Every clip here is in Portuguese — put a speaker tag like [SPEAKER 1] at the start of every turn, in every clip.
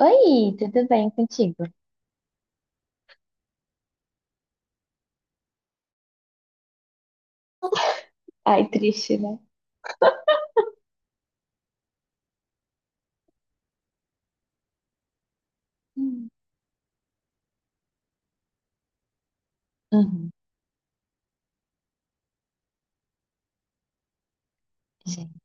[SPEAKER 1] Oi, tudo bem contigo? Ai, triste, né? Hum. Uhum, gente.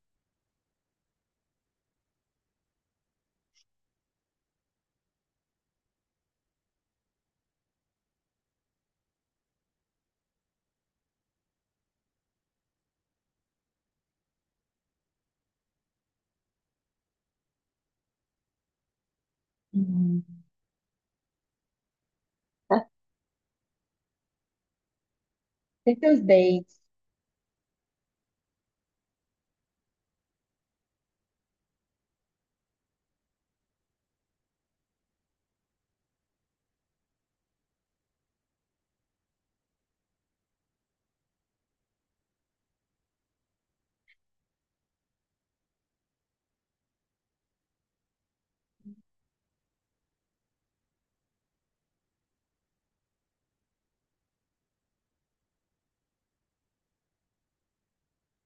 [SPEAKER 1] Hum. Tá. Tem seus dates.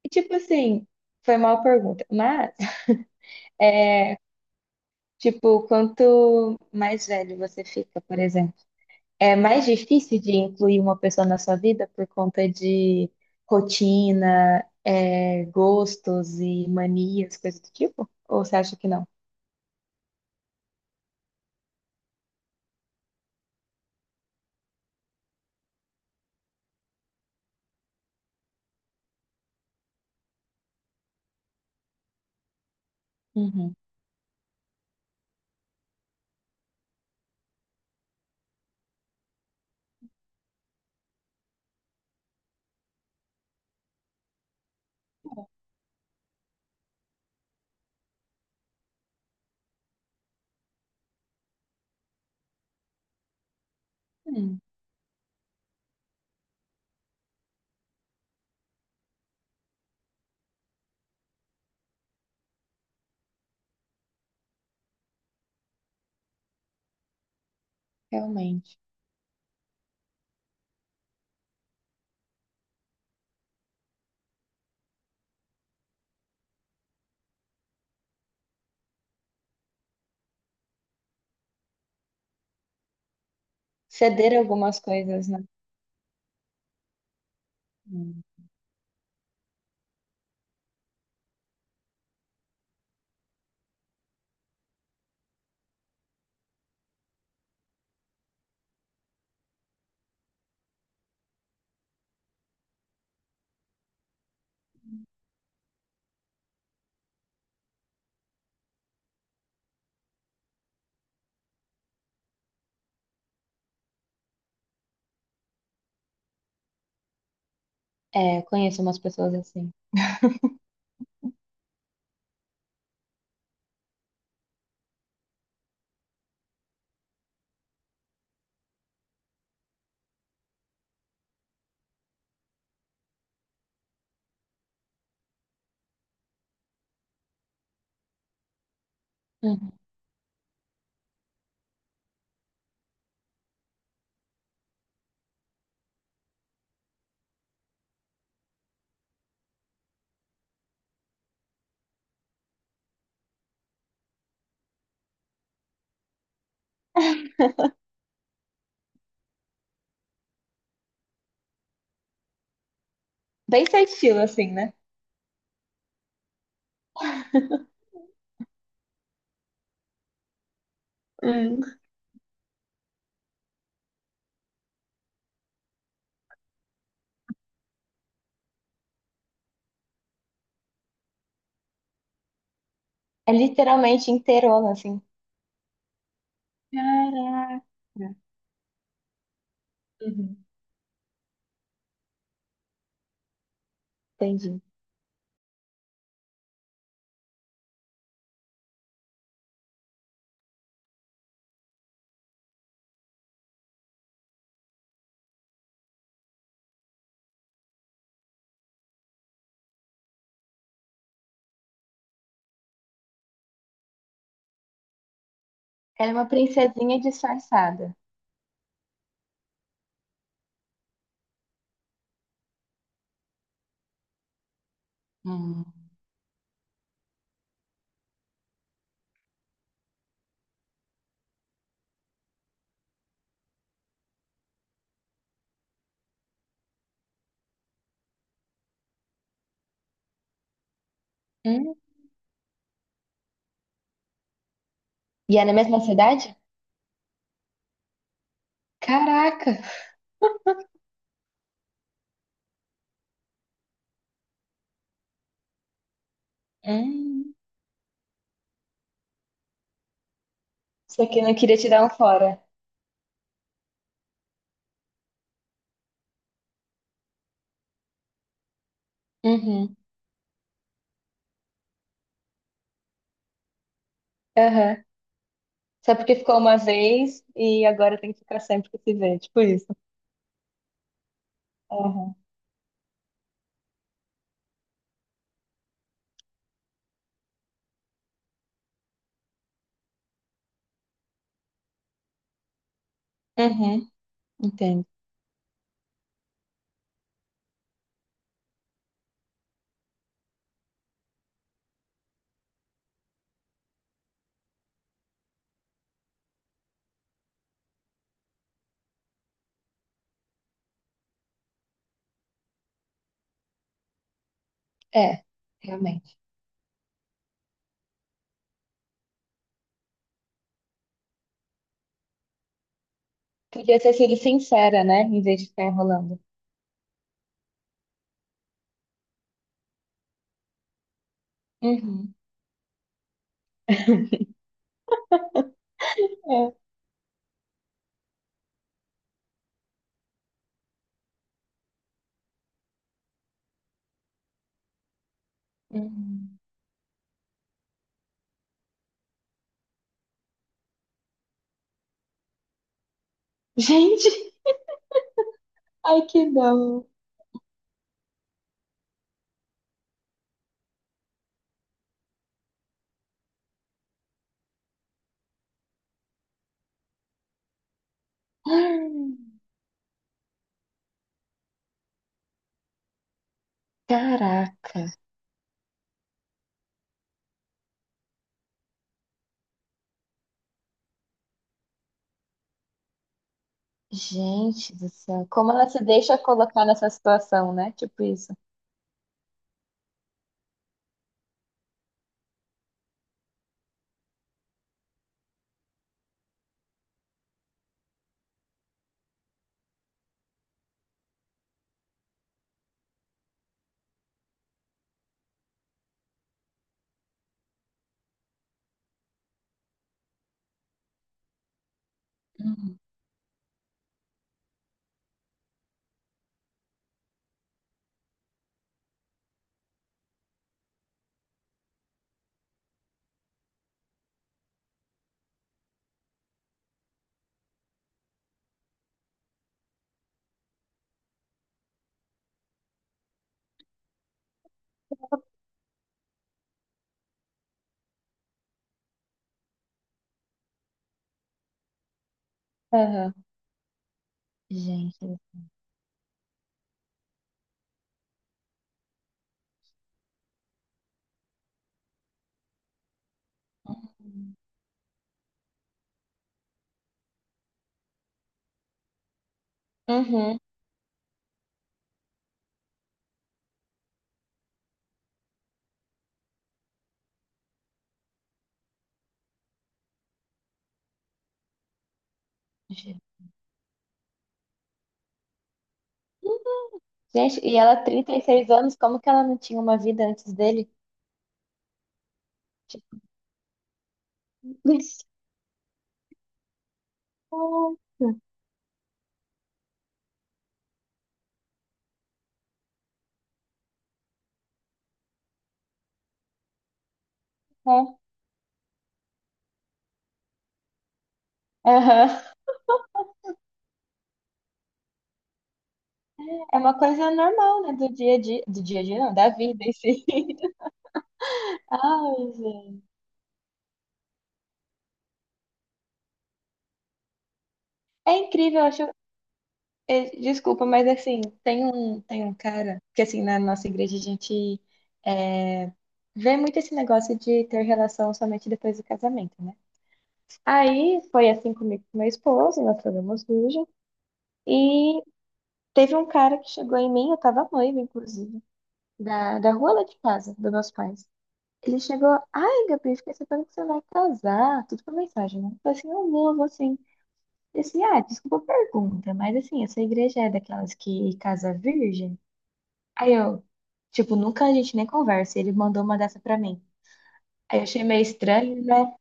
[SPEAKER 1] E, tipo assim, foi mal pergunta, mas, tipo, quanto mais velho você fica, por exemplo, é mais difícil de incluir uma pessoa na sua vida por conta de rotina, gostos e manias, coisas do tipo? Ou você acha que não? Uhum. Hum, realmente. Ceder algumas coisas, né? Hum. É, conheço umas pessoas assim. Uhum. Bem seu estilo, assim, né? Hum. É literalmente inteirona, assim. Caraca. Uhum. Entendi. Ela é uma princesinha disfarçada. Hum. Hum? E é na mesma cidade? Caraca! Hum. Isso aqui não queria te dar um fora. Uhum. Aham. Só porque ficou uma vez e agora tem que ficar sempre que se vê. Tipo isso. Aham. Uhum. Entendo. É, realmente. Podia ter sido sincera, né? Em vez de ficar enrolando. Uhum. É. Uhum. Gente, ai que dó. Caraca, gente do céu. Como ela se deixa colocar nessa situação, né? Tipo isso. Uhum. Aham. Gente. Uhum. Ge- Gente, e ela 36 anos, como que ela não tinha uma vida antes dele? Tipo, isso. É, aham. É uma coisa normal, né? Do dia a dia. Do dia a dia, não, da vida em si. Ai, gente. É incrível, eu acho. É, desculpa, mas assim, tem um, cara que assim, na nossa igreja a gente é, vê muito esse negócio de ter relação somente depois do casamento, né? Aí foi assim comigo e com meu esposo, nós fomos virgem, e teve um cara que chegou em mim, eu tava noiva, inclusive, da rua lá de casa, dos meus pais. Ele chegou, ai, Gabi, fiquei sabendo que você vai casar, tudo por mensagem, né? Eu falei assim, eu vou sim. Ele disse, assim, ah, desculpa a pergunta, mas assim, essa igreja é daquelas que casa virgem? Aí eu, tipo, nunca a gente nem conversa. E ele mandou uma dessa pra mim. Aí eu achei meio estranho, né?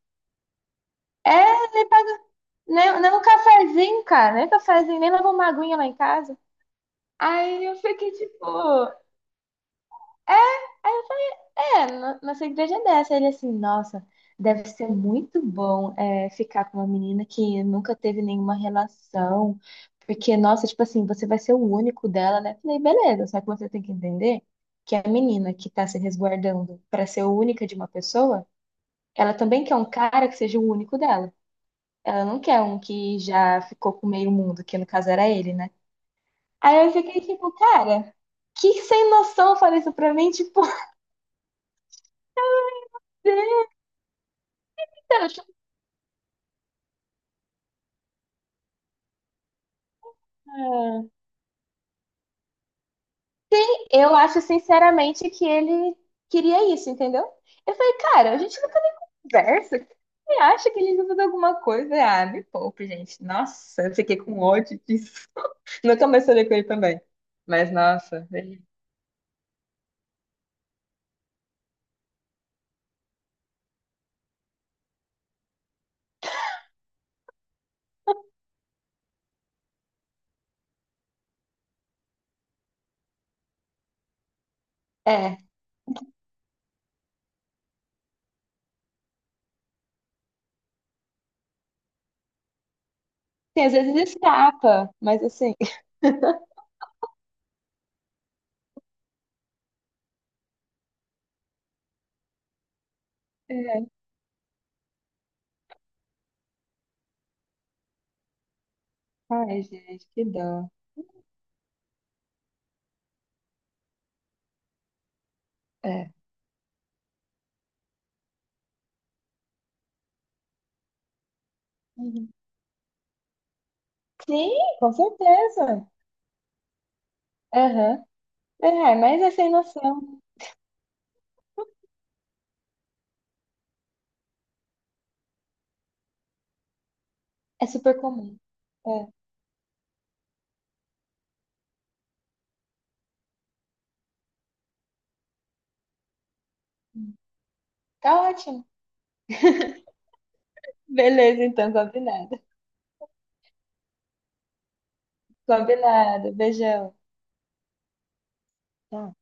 [SPEAKER 1] É, nem paga, nem um cafezinho, cara. Nem cafezinho, nem levou uma aguinha lá em casa. Aí eu fiquei tipo, é, é nossa igreja é dessa. Ele assim, nossa, deve ser muito bom ficar com uma menina que nunca teve nenhuma relação, porque, nossa, tipo assim, você vai ser o único dela, né? Falei, beleza, só que você tem que entender que a menina que tá se resguardando pra ser única de uma pessoa, ela também quer um cara que seja o único dela. Ela não quer um que já ficou com meio mundo, que no caso era ele, né? Aí eu fiquei tipo, cara, que sem noção fala isso pra mim, tipo, então, eu acho, sinceramente, que ele queria isso, entendeu? Eu falei, cara, a gente nunca conversa. Você acha que ele usa de alguma coisa? Ah, me poupe, gente. Nossa, eu fiquei com ódio disso. Nunca mais falei com ele também. Mas, nossa, ele... É. Sim, às vezes escapa, mas assim... É. Ai, gente, que dó. É. Uhum. Sim, com certeza. Aham. É, mas é sem noção. É super comum. É. Tá ótimo. Beleza, então, combinado. Combinado. Beijão. Tchau.